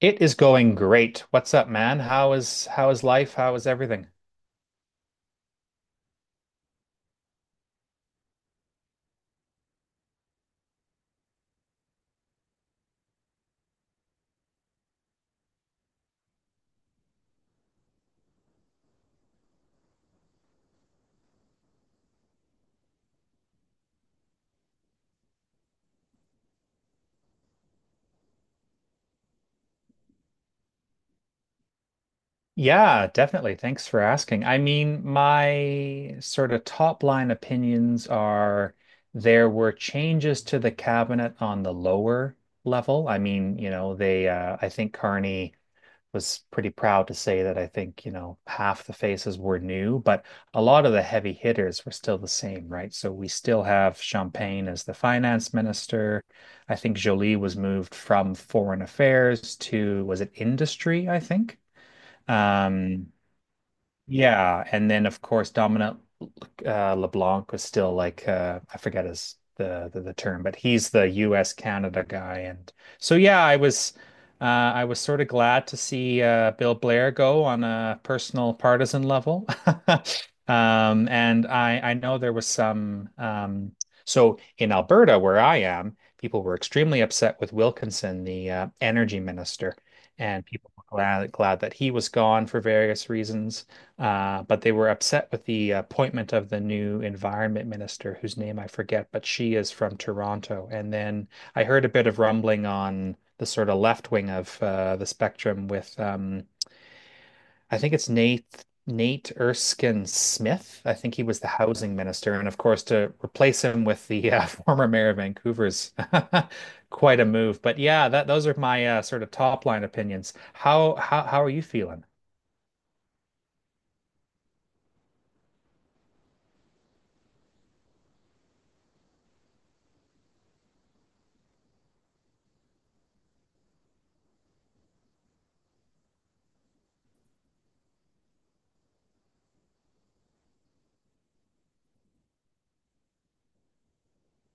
It is going great. What's up, man? How is life? How is everything? Yeah, definitely. Thanks for asking. I mean, my sort of top line opinions are there were changes to the cabinet on the lower level. I mean, you know, they I think Carney was pretty proud to say that, I think, you know, half the faces were new, but a lot of the heavy hitters were still the same, right? So we still have Champagne as the finance minister. I think Jolie was moved from foreign affairs to, was it industry, I think? Um, yeah, and then of course Dominic LeBlanc was still like I forget his the term, but he's the U.S. Canada guy, and so yeah, I was sort of glad to see Bill Blair go on a personal partisan level. And I know there was some so in Alberta where I am, people were extremely upset with Wilkinson, the energy minister, and people were glad that he was gone for various reasons. But they were upset with the appointment of the new environment minister, whose name I forget, but she is from Toronto. And then I heard a bit of rumbling on the sort of left wing of the spectrum with, I think it's Nate Erskine Smith. I think he was the housing minister, and of course to replace him with the former mayor of Vancouver's quite a move. But yeah, that those are my sort of top line opinions. How are you feeling?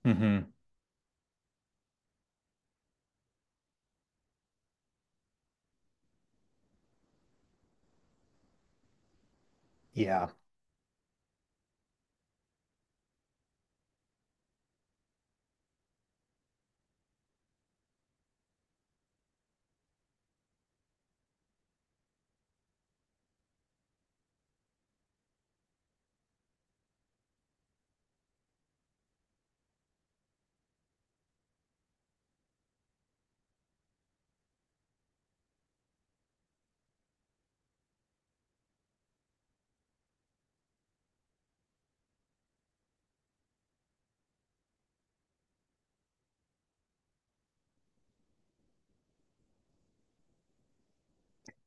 Hmm Yeah.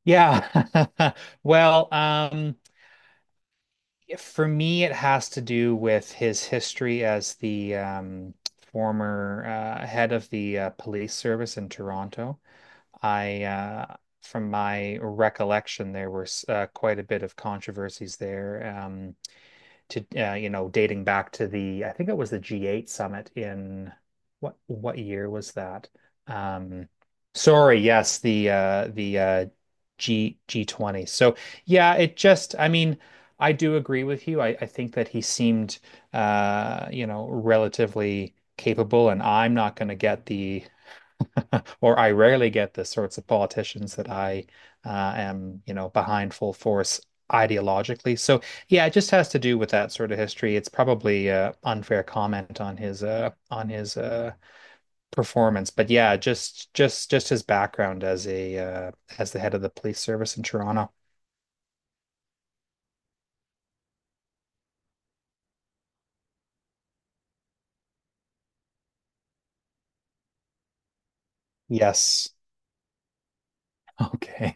Yeah. Well, um, yeah, for me, it has to do with his history as the former head of the police service in Toronto. I, uh, from my recollection, there was quite a bit of controversies there. To You know, dating back to the I think it was the G8 summit in what year was that? Um, Sorry, yes, the G G20. So yeah, it just, I mean, I do agree with you. I think that he seemed you know, relatively capable, and I'm not going to get the or I rarely get the sorts of politicians that I am, you know, behind full force ideologically. So yeah, it just has to do with that sort of history. It's probably a unfair comment on his performance, but yeah, just his background as a as the head of the police service in Toronto. Yes. Okay.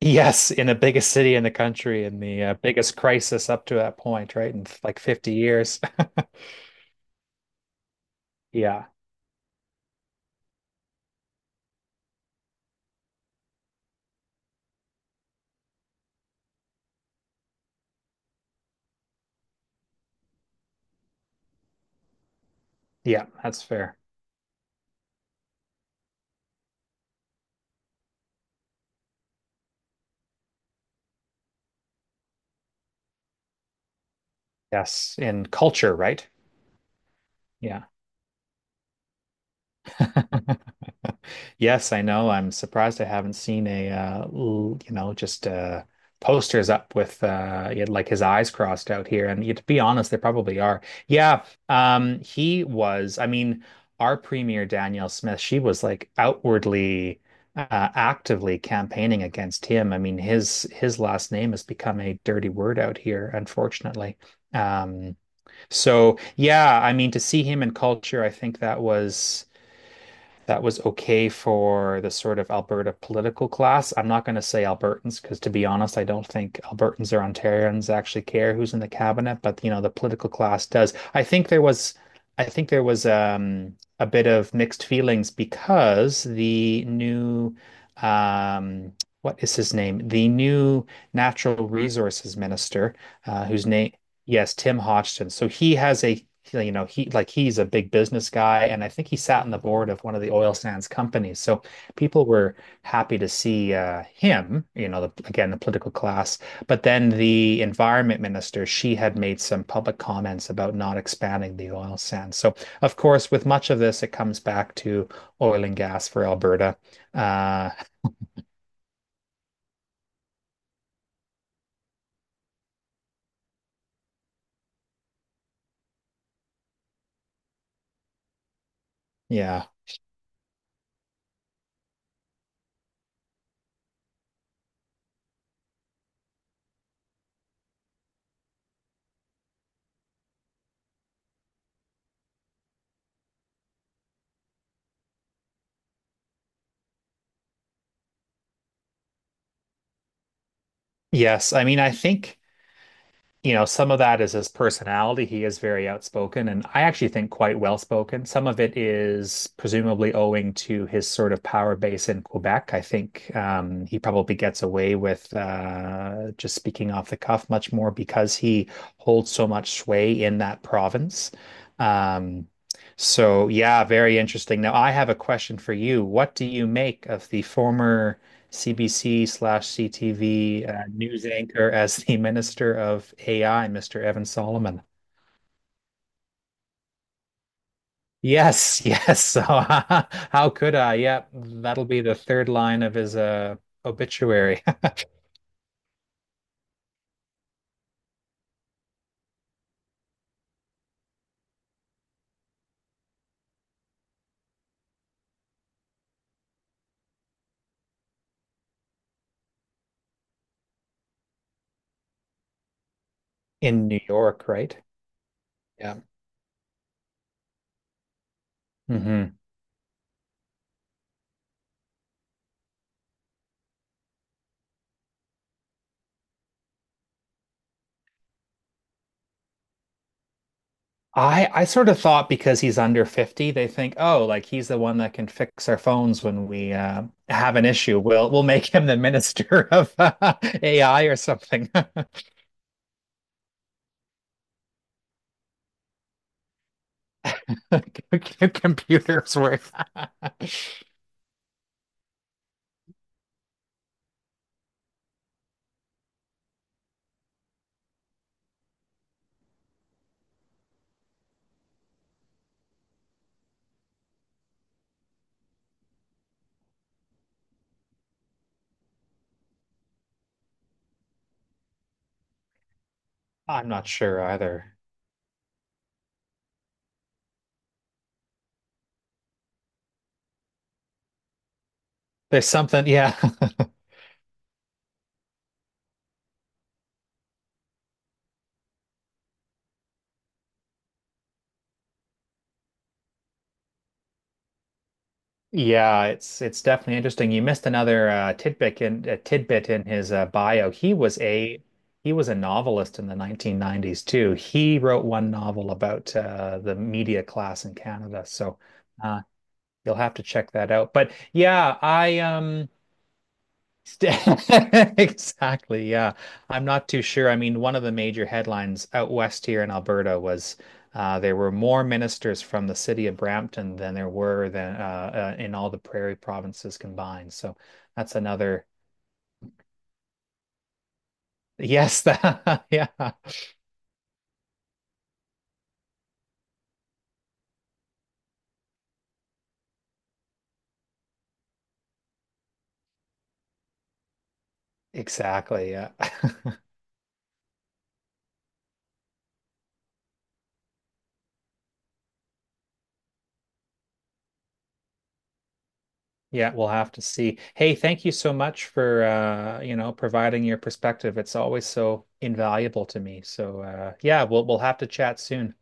Yes, in the biggest city in the country, in the biggest crisis up to that point, right? In like 50 years. Yeah. Yeah, that's fair. Yes, in culture, right? Yeah. Yes, I know. I'm surprised I haven't seen a you know, just posters up with he like his eyes crossed out here. And yeah, to be honest, they probably are. Yeah, he was. I mean, our premier Danielle Smith, she was like outwardly, actively campaigning against him. I mean, his last name has become a dirty word out here, unfortunately. Um, So yeah, I mean, to see him in culture, I think that was okay for the sort of Alberta political class. I'm not going to say Albertans because, to be honest, I don't think Albertans or Ontarians actually care who's in the cabinet, but, you know, the political class does. I think there was I think there was a bit of mixed feelings because the new um what is his name? The new natural resources minister, whose name yes, Tim Hodgson. So he has a, you know, he's a big business guy, and I think he sat on the board of one of the oil sands companies. So people were happy to see him, you know, the, again, the political class. But then the environment minister, she had made some public comments about not expanding the oil sands. So, of course, with much of this, it comes back to oil and gas for Alberta. Uh, yeah. Yes. I mean, I think. You know, some of that is his personality. He is very outspoken, and I actually think quite well spoken. Some of it is presumably owing to his sort of power base in Quebec. I think he probably gets away with just speaking off the cuff much more because he holds so much sway in that province. Um, so, yeah, very interesting. Now, I have a question for you. What do you make of the former CBC slash CTV news anchor as the Minister of AI, Mr. Evan Solomon? Yes, yes. So how could I? Yeah, that'll be the third line of his obituary in New York, right? Yeah. hmm I sort of thought, because he's under 50, they think, oh, like he's the one that can fix our phones when we have an issue. We'll make him the minister of AI or something. Computers work. I'm not sure either. There's something, yeah, yeah. It's definitely interesting. You missed another tidbit in his bio. He was a novelist in the 1990s too. He wrote one novel about the media class in Canada. So uh, you'll have to check that out. But yeah, I. St- Exactly. Yeah. I'm not too sure. I mean, one of the major headlines out west here in Alberta was there were more ministers from the city of Brampton than there were than in all the prairie provinces combined. So that's another Yes. That, yeah. Exactly. Yeah. Yeah, we'll have to see. Hey, thank you so much for you know, providing your perspective. It's always so invaluable to me. So yeah, we'll have to chat soon.